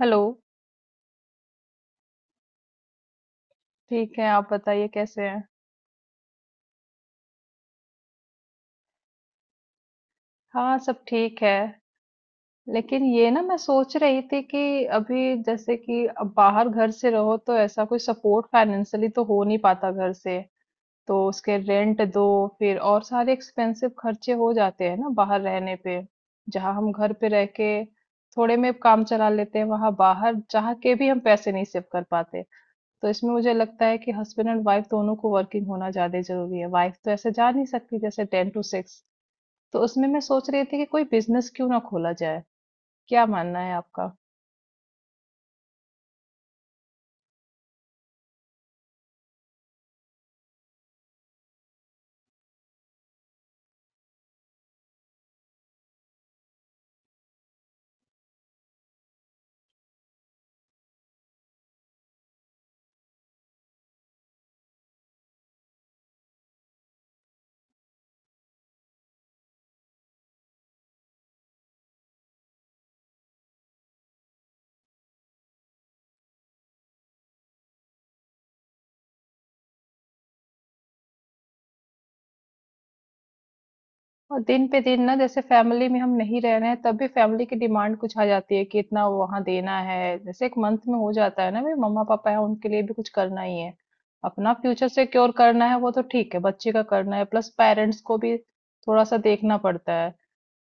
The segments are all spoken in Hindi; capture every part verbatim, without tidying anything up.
हेलो। ठीक है, आप बताइए कैसे हैं? हाँ, सब ठीक है। लेकिन ये ना, मैं सोच रही थी कि अभी जैसे कि अब बाहर घर से रहो तो ऐसा कोई सपोर्ट फाइनेंशियली तो हो नहीं पाता घर से। तो उसके रेंट दो, फिर और सारे एक्सपेंसिव खर्चे हो जाते हैं ना बाहर रहने पे। जहाँ हम घर पे रह के थोड़े में काम चला लेते हैं, वहां बाहर चाह के भी हम पैसे नहीं सेव कर पाते। तो इसमें मुझे लगता है कि हस्बैंड एंड वाइफ दोनों को वर्किंग होना ज्यादा जरूरी है। वाइफ तो ऐसे जा नहीं सकती जैसे टेन टू सिक्स। तो उसमें मैं सोच रही थी कि कोई बिजनेस क्यों ना खोला जाए। क्या मानना है आपका? और दिन पे दिन ना, जैसे फैमिली में हम नहीं रह रहे हैं तब भी फैमिली की डिमांड कुछ आ जाती है कि इतना वहां देना है, जैसे एक मंथ में हो जाता है ना। भाई, मम्मा पापा है उनके लिए भी कुछ करना ही है। अपना फ्यूचर सिक्योर करना है, वो तो ठीक है, बच्चे का करना है, प्लस पेरेंट्स को भी थोड़ा सा देखना पड़ता है।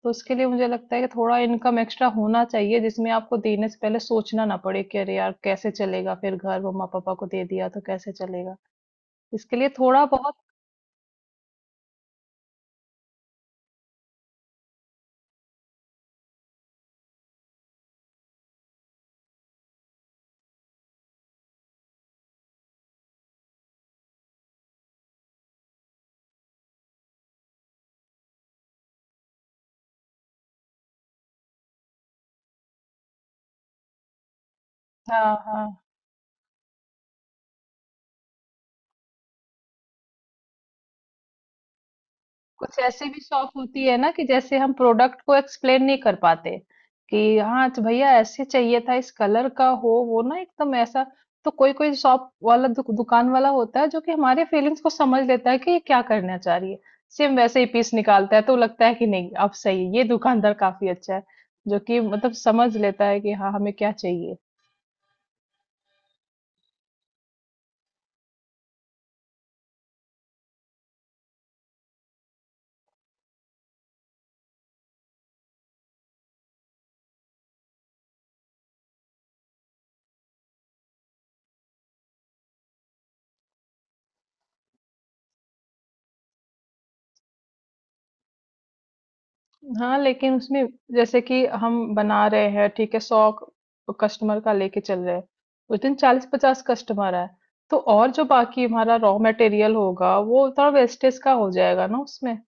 तो उसके लिए मुझे लगता है कि थोड़ा इनकम एक्स्ट्रा होना चाहिए जिसमें आपको देने से पहले सोचना ना पड़े कि अरे यार कैसे चलेगा, फिर घर मम्मा पापा को दे दिया तो कैसे चलेगा। इसके लिए थोड़ा बहुत। हाँ हाँ। कुछ ऐसी भी शॉप होती है ना कि जैसे हम प्रोडक्ट को एक्सप्लेन नहीं कर पाते कि हाँ अच्छा भैया ऐसे चाहिए था, इस कलर का हो, वो ना एकदम ऐसा। तो कोई कोई शॉप वाला दु, दुकान वाला होता है जो कि हमारे फीलिंग्स को समझ लेता है कि ये क्या करना चाह रही है। सेम वैसे ही पीस निकालता है तो लगता है कि नहीं, अब सही है, ये दुकानदार काफी अच्छा है जो कि मतलब समझ लेता है कि हाँ हमें क्या चाहिए। हाँ, लेकिन उसमें जैसे कि हम बना रहे हैं, ठीक है सौ कस्टमर का लेके चल रहे हैं, उस दिन चालीस पचास कस्टमर है, तो और जो बाकी हमारा रॉ मटेरियल होगा वो थोड़ा वेस्टेज का हो जाएगा ना उसमें।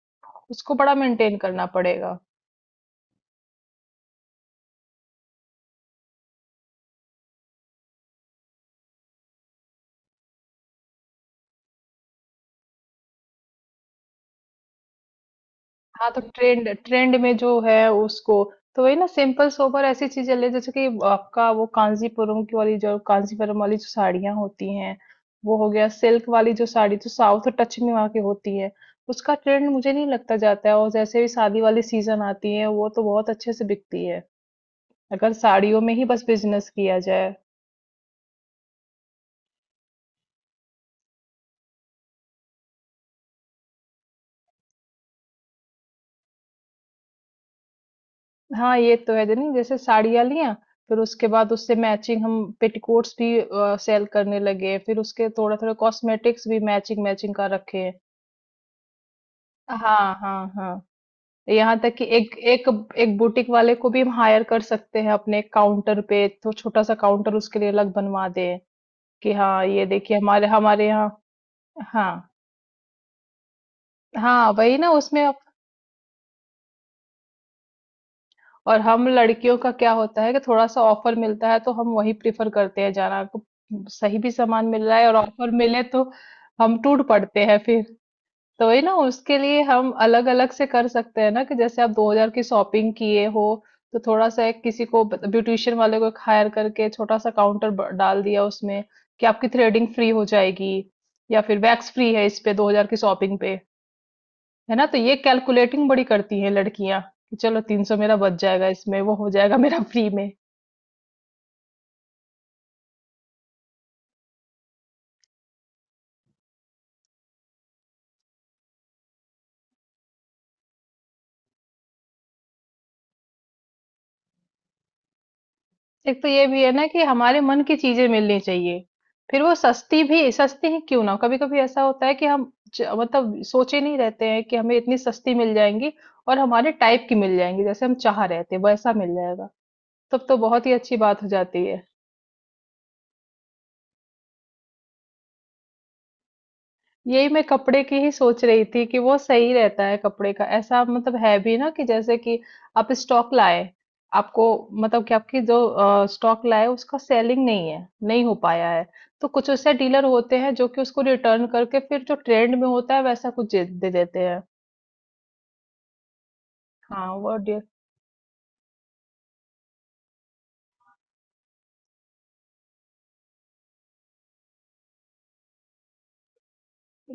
उसको बड़ा मेंटेन करना पड़ेगा। हाँ तो ट्रेंड ट्रेंड में जो है उसको, तो वही ना सिंपल सोबर ऐसी चीजें ले। जैसे कि आपका वो कांजीपुरम की वाली जो कांजीपुरम वाली जो साड़ियां होती हैं, वो हो गया सिल्क वाली जो साड़ी जो साउथ टच में वहाँ की होती है, उसका ट्रेंड मुझे नहीं लगता जाता है। और जैसे भी शादी वाली सीजन आती है वो तो बहुत अच्छे से बिकती है, अगर साड़ियों में ही बस बिजनेस किया जाए। हाँ, ये तो है। जनी जैसे साड़ियाँ लिया, फिर उसके बाद उससे मैचिंग हम पेटीकोट्स भी अ, सेल करने लगे, फिर उसके थोड़ा थोड़ा कॉस्मेटिक्स भी मैचिंग मैचिंग का रखे हैं। हाँ हाँ हाँ। यहाँ तक कि एक एक एक बुटीक वाले को भी हम हायर कर सकते हैं अपने काउंटर पे। तो छोटा सा काउंटर उसके लिए अलग बनवा दें कि हाँ ये देखिए, हमारे हमारे यहाँ। हाँ हाँ, वही ना उसमें। और हम लड़कियों का क्या होता है कि थोड़ा-सा ऑफर मिलता है तो हम वही प्रेफ़र करते हैं जाना को। सही भी सामान मिल रहा है और ऑफर मिले तो हम टूट पड़ते हैं फिर। तो वही ना, उसके लिए हम अलग-अलग से कर सकते हैं ना कि जैसे आप दो हज़ार की शॉपिंग किए हो तो थोड़ा-सा एक किसी को ब ब्यूटीशियन वाले को हायर करके छोटा-सा काउंटर ब डाल दिया उसमें कि आपकी थ्रेडिंग फ्री हो जाएगी या फिर वैक्स फ्री है इस पे दो हज़ार की शॉपिंग पे। है ना, तो ये कैलकुलेटिंग बड़ी करती है लड़कियां कि चलो तीन सौ मेरा बच जाएगा, इसमें वो हो जाएगा मेरा फ्री में। एक तो ये भी है ना कि हमारे मन की चीजें मिलनी चाहिए, फिर वो सस्ती भी सस्ती ही क्यों ना हो। कभी कभी ऐसा होता है कि हम ज- मतलब सोचे नहीं रहते हैं कि हमें इतनी सस्ती मिल जाएंगी और हमारे टाइप की मिल जाएंगी, जैसे हम चाह रहे थे वैसा मिल जाएगा, तब तो बहुत ही अच्छी बात हो जाती है। यही मैं कपड़े की ही सोच रही थी कि वो सही रहता है कपड़े का। ऐसा मतलब है भी ना कि जैसे कि आप स्टॉक लाए, आपको मतलब कि आपकी जो स्टॉक लाए उसका सेलिंग नहीं है, नहीं हो पाया है, तो कुछ ऐसे डीलर होते हैं जो कि उसको रिटर्न करके फिर जो ट्रेंड में होता है वैसा कुछ दे दे देते हैं। हाँ वो डे-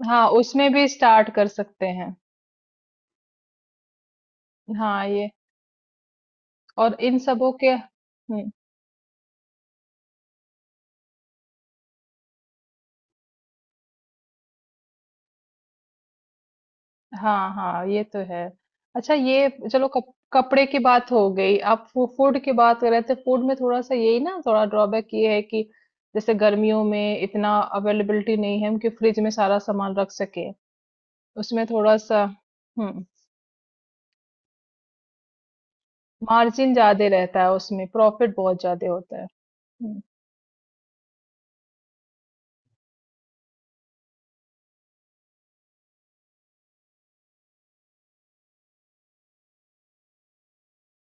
हाँ, उसमें भी स्टार्ट कर सकते हैं। हाँ ये और इन सबों के हम्म, हाँ हाँ, ये तो है। अच्छा, ये चलो, कप, कपड़े की बात हो गई, आप फू, फूड की बात कर रहे थे। फूड में थोड़ा सा यही ना थोड़ा ड्रॉबैक ये है कि जैसे गर्मियों में इतना अवेलेबिलिटी नहीं है हम कि फ्रिज में सारा सामान रख सके। उसमें थोड़ा सा हम्म मार्जिन ज्यादा रहता है, उसमें प्रॉफिट बहुत ज्यादा होता है। हम्म,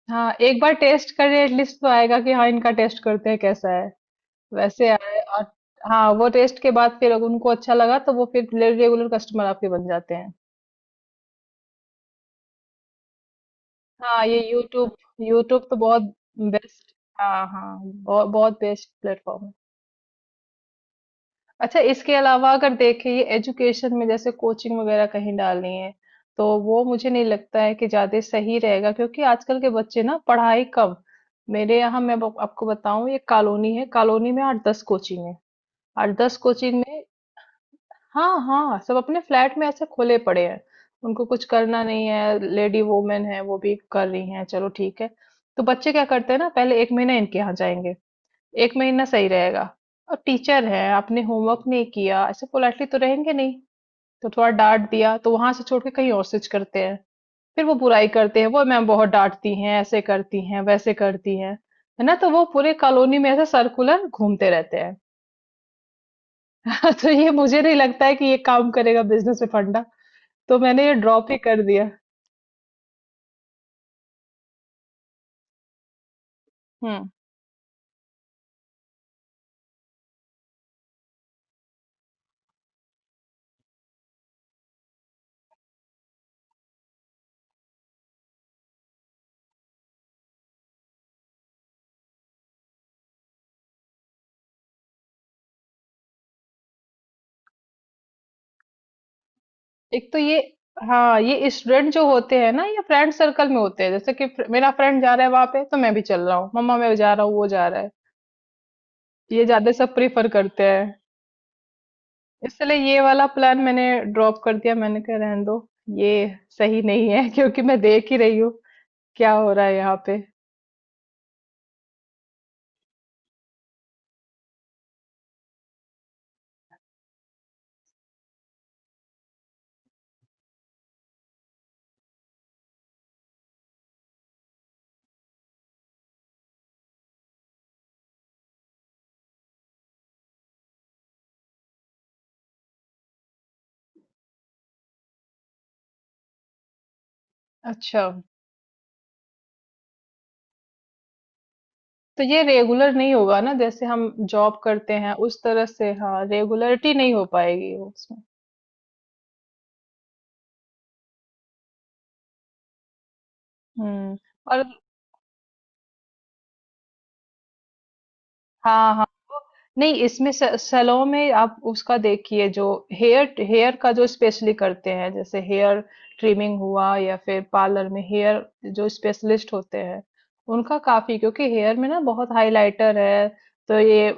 हाँ, एक बार टेस्ट करें एटलीस्ट तो आएगा कि हाँ इनका टेस्ट करते हैं कैसा है। वैसे आए और हाँ वो टेस्ट के बाद फिर अगर उनको अच्छा लगा तो वो फिर रेगुलर कस्टमर आपके बन जाते हैं। हाँ ये यूट्यूब, यूट्यूब तो बहुत बेस्ट। हाँ हाँ, बहुत बहुत बेस्ट प्लेटफॉर्म है। अच्छा, इसके अलावा अगर देखें, ये एजुकेशन में जैसे कोचिंग वगैरह कहीं डालनी है तो वो मुझे नहीं लगता है कि ज्यादा सही रहेगा, क्योंकि आजकल के बच्चे ना पढ़ाई कम। मेरे यहाँ मैं आप- आपको बताऊं ये कॉलोनी है, कॉलोनी में आठ दस कोचिंग है। आठ दस कोचिंग में हाँ हाँ सब अपने फ्लैट में ऐसे खुले पड़े हैं। उनको कुछ करना नहीं है, लेडी वोमेन है वो भी कर रही हैं, चलो ठीक है। तो बच्चे क्या करते हैं ना पहले एक महीना इनके यहाँ जाएंगे, एक महीना सही रहेगा। और टीचर है, आपने होमवर्क नहीं किया ऐसे पोलाइटली तो रहेंगे नहीं। तो थोड़ा डांट दिया तो वहां से छोड़ के कहीं और स्विच करते हैं, फिर वो बुराई करते हैं वो मैम बहुत डांटती हैं ऐसे करती हैं वैसे करती हैं। है ना, तो वो पूरे कॉलोनी में ऐसे सर्कुलर घूमते रहते हैं। तो ये मुझे नहीं लगता है कि ये काम करेगा बिजनेस में फंडा। तो मैंने ये ड्रॉप ही कर दिया। हम्म एक तो ये। हाँ ये स्टूडेंट जो होते हैं ना, ये फ्रेंड सर्कल में होते हैं, जैसे कि फ्र- मेरा फ्रेंड जा रहा है वहां पे तो मैं भी चल रहा हूँ, मम्मा मैं जा रहा हूँ वो जा रहा है। ये ज्यादा सब प्रीफर करते हैं। इसलिए ये वाला प्लान मैंने ड्रॉप कर दिया, मैंने कहा रहने दो, ये सही नहीं है क्योंकि मैं देख ही रही हूँ क्या हो रहा है यहाँ पे। अच्छा, तो ये रेगुलर नहीं होगा ना जैसे हम जॉब करते हैं उस तरह से, हाँ रेगुलरिटी नहीं हो पाएगी उसमें। हम्म, और, हाँ हाँ। वो- नहीं, इसमें से- सैलो में आप उसका देखिए जो हेयर, हेयर का जो स्पेशली करते हैं, जैसे हेयर ट्रिमिंग हुआ या फिर पार्लर में हेयर, जो स्पेशलिस्ट होते हैं उनका काफी, क्योंकि हेयर में ना बहुत हाइलाइटर है तो ये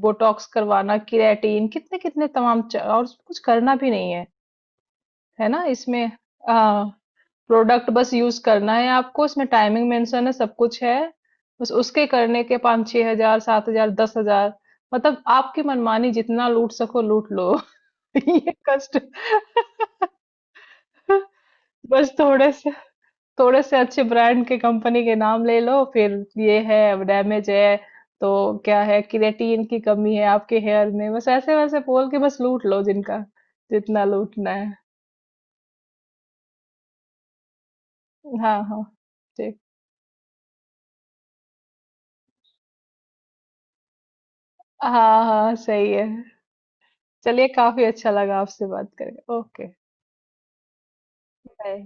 बोटॉक्स करवाना केराटिन कितने कितने तमाम च- और कुछ करना भी नहीं है है ना इसमें। हाँ। प्रोडक्ट बस यूज़ करना है आपको, उसमें टाइमिंग मेंशन है, सब कुछ है। बस उसके करने के पाँच छह हज़ार, सात हज़ार, दस हज़ार, मतलब आपकी मनमानी जितना लूट सको लूट लो। ये कष्ट बस थोड़े से थोड़े से अच्छे ब्रांड के कंपनी के नाम ले लो फिर। ये है डैमेज है। तो क्या है, केराटिन की कमी है आपके हेयर में, बस ऐसे वैसे बोल के बस लूट लो जिनका जितना लूटना है। हाँ हाँ ठीक, हाँ हाँ सही है। चलिए काफ़ी अच्छा लगा आपसे बात करके। Okay, bye.